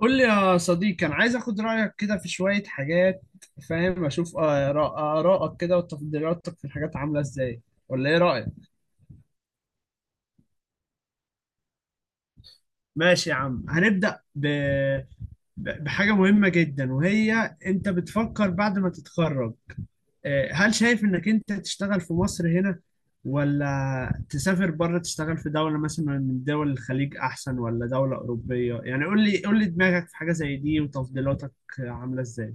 قول لي يا صديقي، انا عايز اخد رايك كده في شويه حاجات. فاهم، اشوف ارائك كده وتفضيلاتك في الحاجات عامله ازاي، ولا ايه رايك؟ ماشي يا عم، هنبدا بحاجه مهمه جدا، وهي انت بتفكر بعد ما تتخرج، هل شايف انك انت تشتغل في مصر هنا، ولا تسافر بره تشتغل في دوله مثلا من دول الخليج احسن، ولا دوله اوروبيه؟ يعني قول لي دماغك في حاجه زي دي وتفضيلاتك عامله ازاي.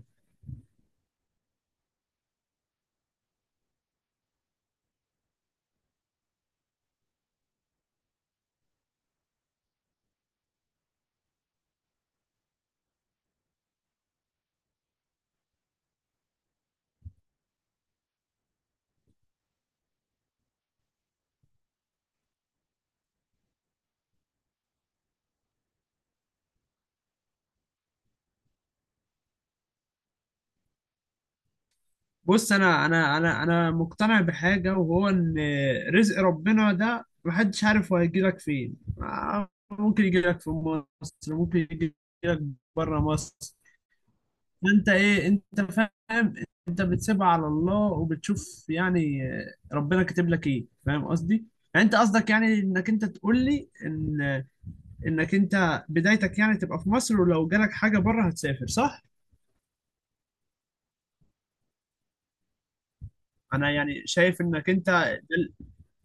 بص، انا مقتنع بحاجه وهو ان رزق ربنا ده محدش عارف هو هيجيلك فين. ممكن يجيلك في مصر، ممكن يجيلك بره مصر. انت ايه، انت فاهم، انت بتسيبها على الله وبتشوف يعني ربنا كاتب لك ايه، فاهم قصدي؟ يعني انت قصدك يعني انك انت تقول لي ان انك انت بدايتك يعني تبقى في مصر، ولو جالك حاجه بره هتسافر، صح؟ انا يعني شايف انك انت ده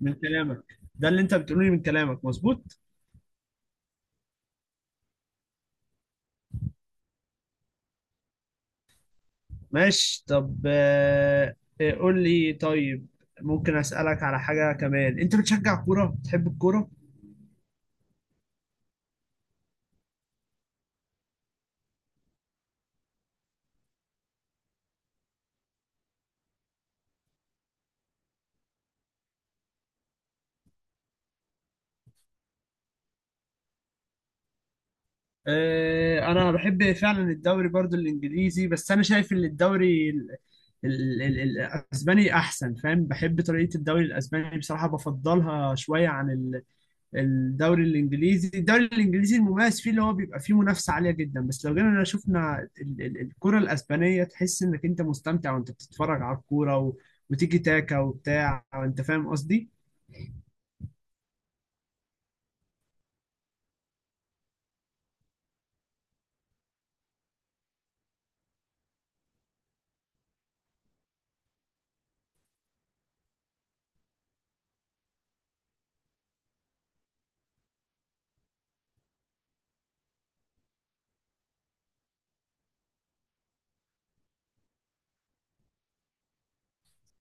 من كلامك، ده اللي انت بتقوله لي من كلامك مظبوط. ماشي طب، قول لي طيب، ممكن اسالك على حاجه كمان؟ انت بتشجع كوره، بتحب الكوره؟ انا بحب فعلا الدوري برضو الانجليزي، بس انا شايف ان الدوري الاسباني احسن. فاهم، بحب طريقه الدوري الاسباني، بصراحه بفضلها شويه عن الدوري الانجليزي. الدوري الانجليزي المميز فيه اللي هو بيبقى فيه منافسه عاليه جدا، بس لو جينا شفنا الكره الاسبانيه تحس انك انت مستمتع وانت بتتفرج على الكوره وتيجي تاكا وبتاع، انت فاهم قصدي.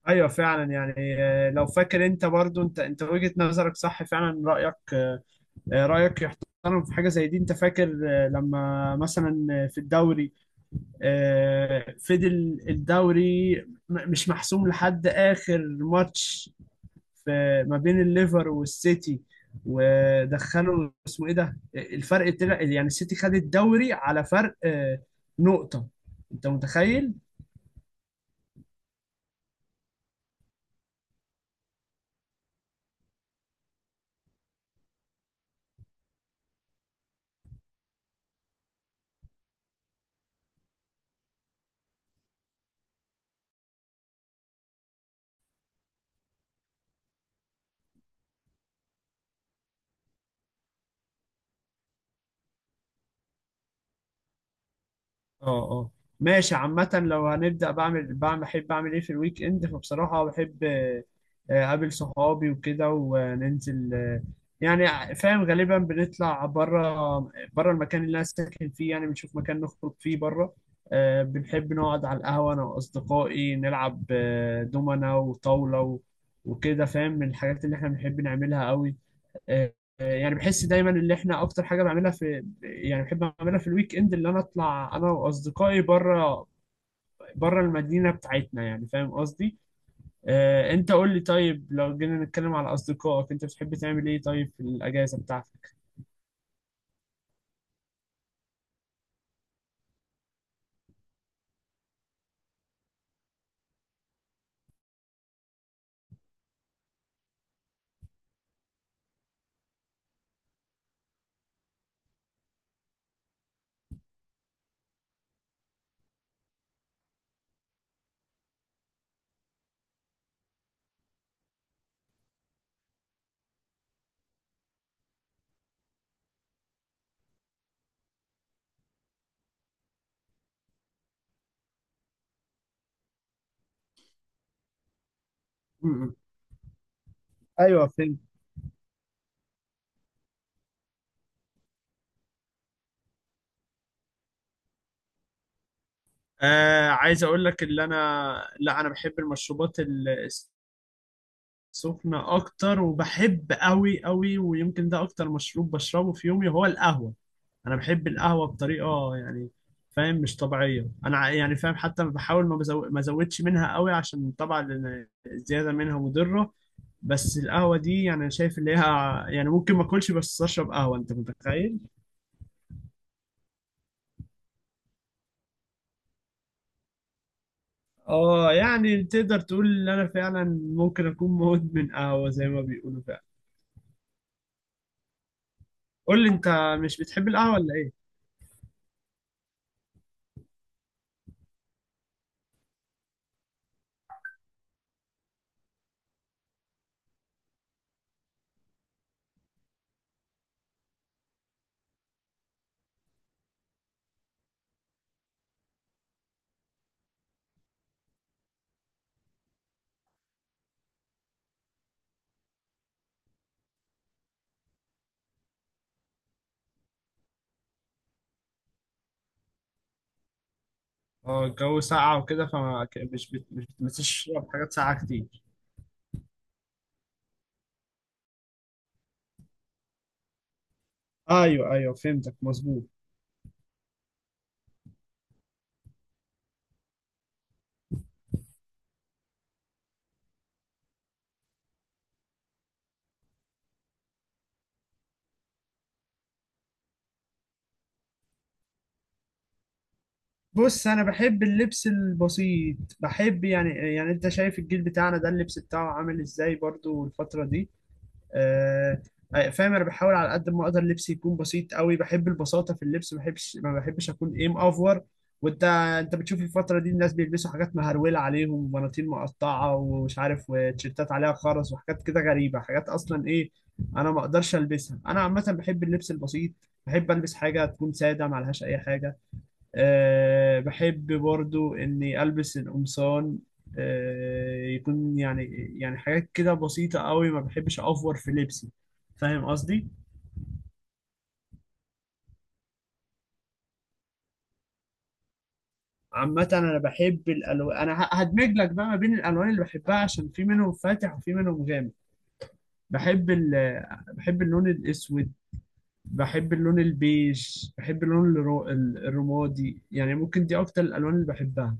ايوه فعلا يعني. لو فاكر انت برضو، انت وجهة نظرك صح فعلا، رايك رايك يحترم في حاجه زي دي. انت فاكر لما مثلا في الدوري فضل الدوري مش محسوم لحد اخر ماتش في ما بين الليفر والسيتي، ودخلوا اسمه ايه ده، الفرق طلع يعني السيتي خد الدوري على فرق نقطة؟ انت متخيل؟ اه اه. ماشي، عامة لو هنبدأ بعمل بحب أعمل إيه في الويك إند، فبصراحة بحب أقابل صحابي وكده، وننزل يعني فاهم غالبا بنطلع بره، بره المكان اللي أنا ساكن فيه، يعني بنشوف مكان نخرج فيه بره. بنحب نقعد على القهوة أنا وأصدقائي، نلعب دومنا وطاولة وكده، فاهم، من الحاجات اللي إحنا بنحب نعملها قوي. آه، يعني بحس دايما اللي احنا اكتر حاجه بعملها في، يعني بحب اعملها في الويك اند، اللي انا اطلع انا واصدقائي بره، بره المدينه بتاعتنا، يعني فاهم قصدي. انت قول لي طيب، لو جينا نتكلم على اصدقائك، انت بتحب تعمل ايه طيب في الاجازه بتاعتك؟ م- م. ايوه فهمت. آه، عايز اقول لك اللي انا، لا انا بحب المشروبات سخنة أكتر، وبحب أوي أوي، ويمكن ده أكتر مشروب بشربه في يومي هو القهوة. أنا بحب القهوة بطريقة يعني، فاهم، مش طبيعية. أنا يعني فاهم، حتى بحاول ما أزودش منها أوي، عشان طبعا لأن الزيادة منها مضرة. بس القهوة دي يعني أنا شايف اللي هي يعني ممكن ما أكلش بس أشرب قهوة، أنت متخيل؟ آه، يعني تقدر تقول إن أنا فعلا ممكن أكون مدمن قهوة زي ما بيقولوا فعلا. قول لي أنت، مش بتحب القهوة ولا إيه؟ اه، الجو ساقع وكده، فما مش بتمسش تشرب حاجات ساقعة كتير. ايوه ايوه فهمتك، مظبوط. بص، انا بحب اللبس البسيط، بحب يعني، يعني انت شايف الجيل بتاعنا ده اللبس بتاعه عامل ازاي برضو الفترة دي. آه، فاهم، انا بحاول على قد ما اقدر لبسي يكون بسيط قوي، بحب البساطه في اللبس، ما بحبش اكون ايه مأفور. وانت، انت بتشوف الفتره دي الناس بيلبسوا حاجات مهرولة عليهم، وبناطيل مقطعه ومش عارف، وتيشيرتات عليها خرز وحاجات كده غريبه، حاجات اصلا ايه انا ما اقدرش البسها. انا عامه بحب اللبس البسيط، بحب البس حاجه تكون ساده ما عليهاش اي حاجه. أه، بحب برضو إني ألبس القمصان. أه، يكون يعني، يعني حاجات كده بسيطة قوي، ما بحبش أوفر في لبسي، فاهم قصدي؟ عامة أنا بحب الألوان، أنا هدمج لك بقى ما بين الألوان اللي بحبها، عشان في منهم فاتح وفي منهم غامق. بحب ال بحب اللون الأسود، بحب اللون البيج، بحب اللون الرمادي، يعني ممكن دي أكتر الألوان اللي بحبها.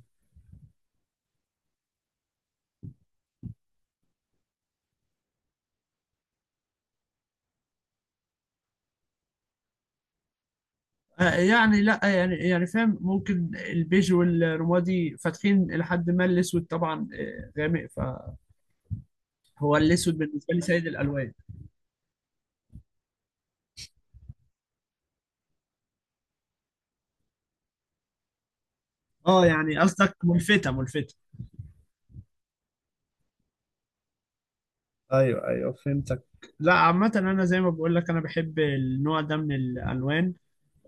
يعني لا يعني، يعني فاهم، ممكن البيج والرمادي فاتحين، لحد ما الاسود طبعا غامق. فهو الاسود بالنسبه لي سيد الالوان. اه يعني قصدك ملفته، ملفته. ايوه ايوه فهمتك. لا عامه انا زي ما بقول لك، انا بحب النوع ده من الالوان،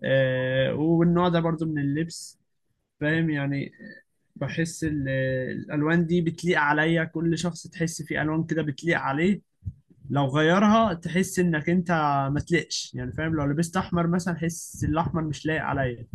والنوع ده برضو من اللبس، فاهم يعني. بحس الالوان دي بتليق عليا، كل شخص تحس فيه الوان كده بتليق عليه، لو غيرها تحس انك انت ما تلقش، يعني فاهم، لو لبست احمر مثلا تحس الاحمر مش لايق عليا.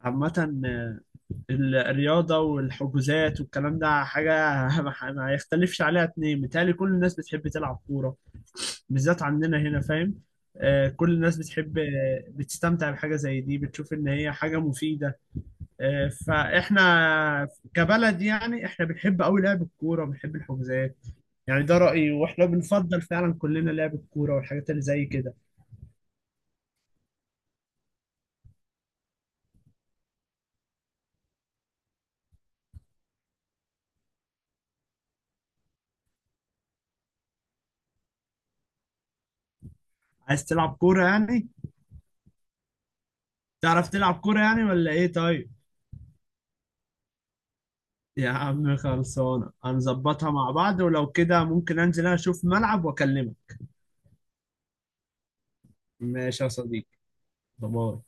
عامة الرياضة والحجوزات والكلام ده حاجة ما يختلفش عليها اتنين، متهيألي كل الناس بتحب تلعب كورة، بالذات عندنا هنا، فاهم. كل الناس بتحب بتستمتع بحاجة زي دي، بتشوف ان هي حاجة مفيدة. فاحنا كبلد يعني احنا بنحب قوي لعب الكوره، وبنحب الحجوزات، يعني ده رايي، واحنا بنفضل فعلا كلنا لعب الكوره والحاجات اللي زي كده. عايز تلعب كوره يعني؟ تعرف تلعب كوره يعني ولا ايه؟ طيب يا عم، خلصانه، هنظبطها مع بعض، ولو كده ممكن انزل أنا اشوف ملعب واكلمك. ماشي يا صديقي، باي.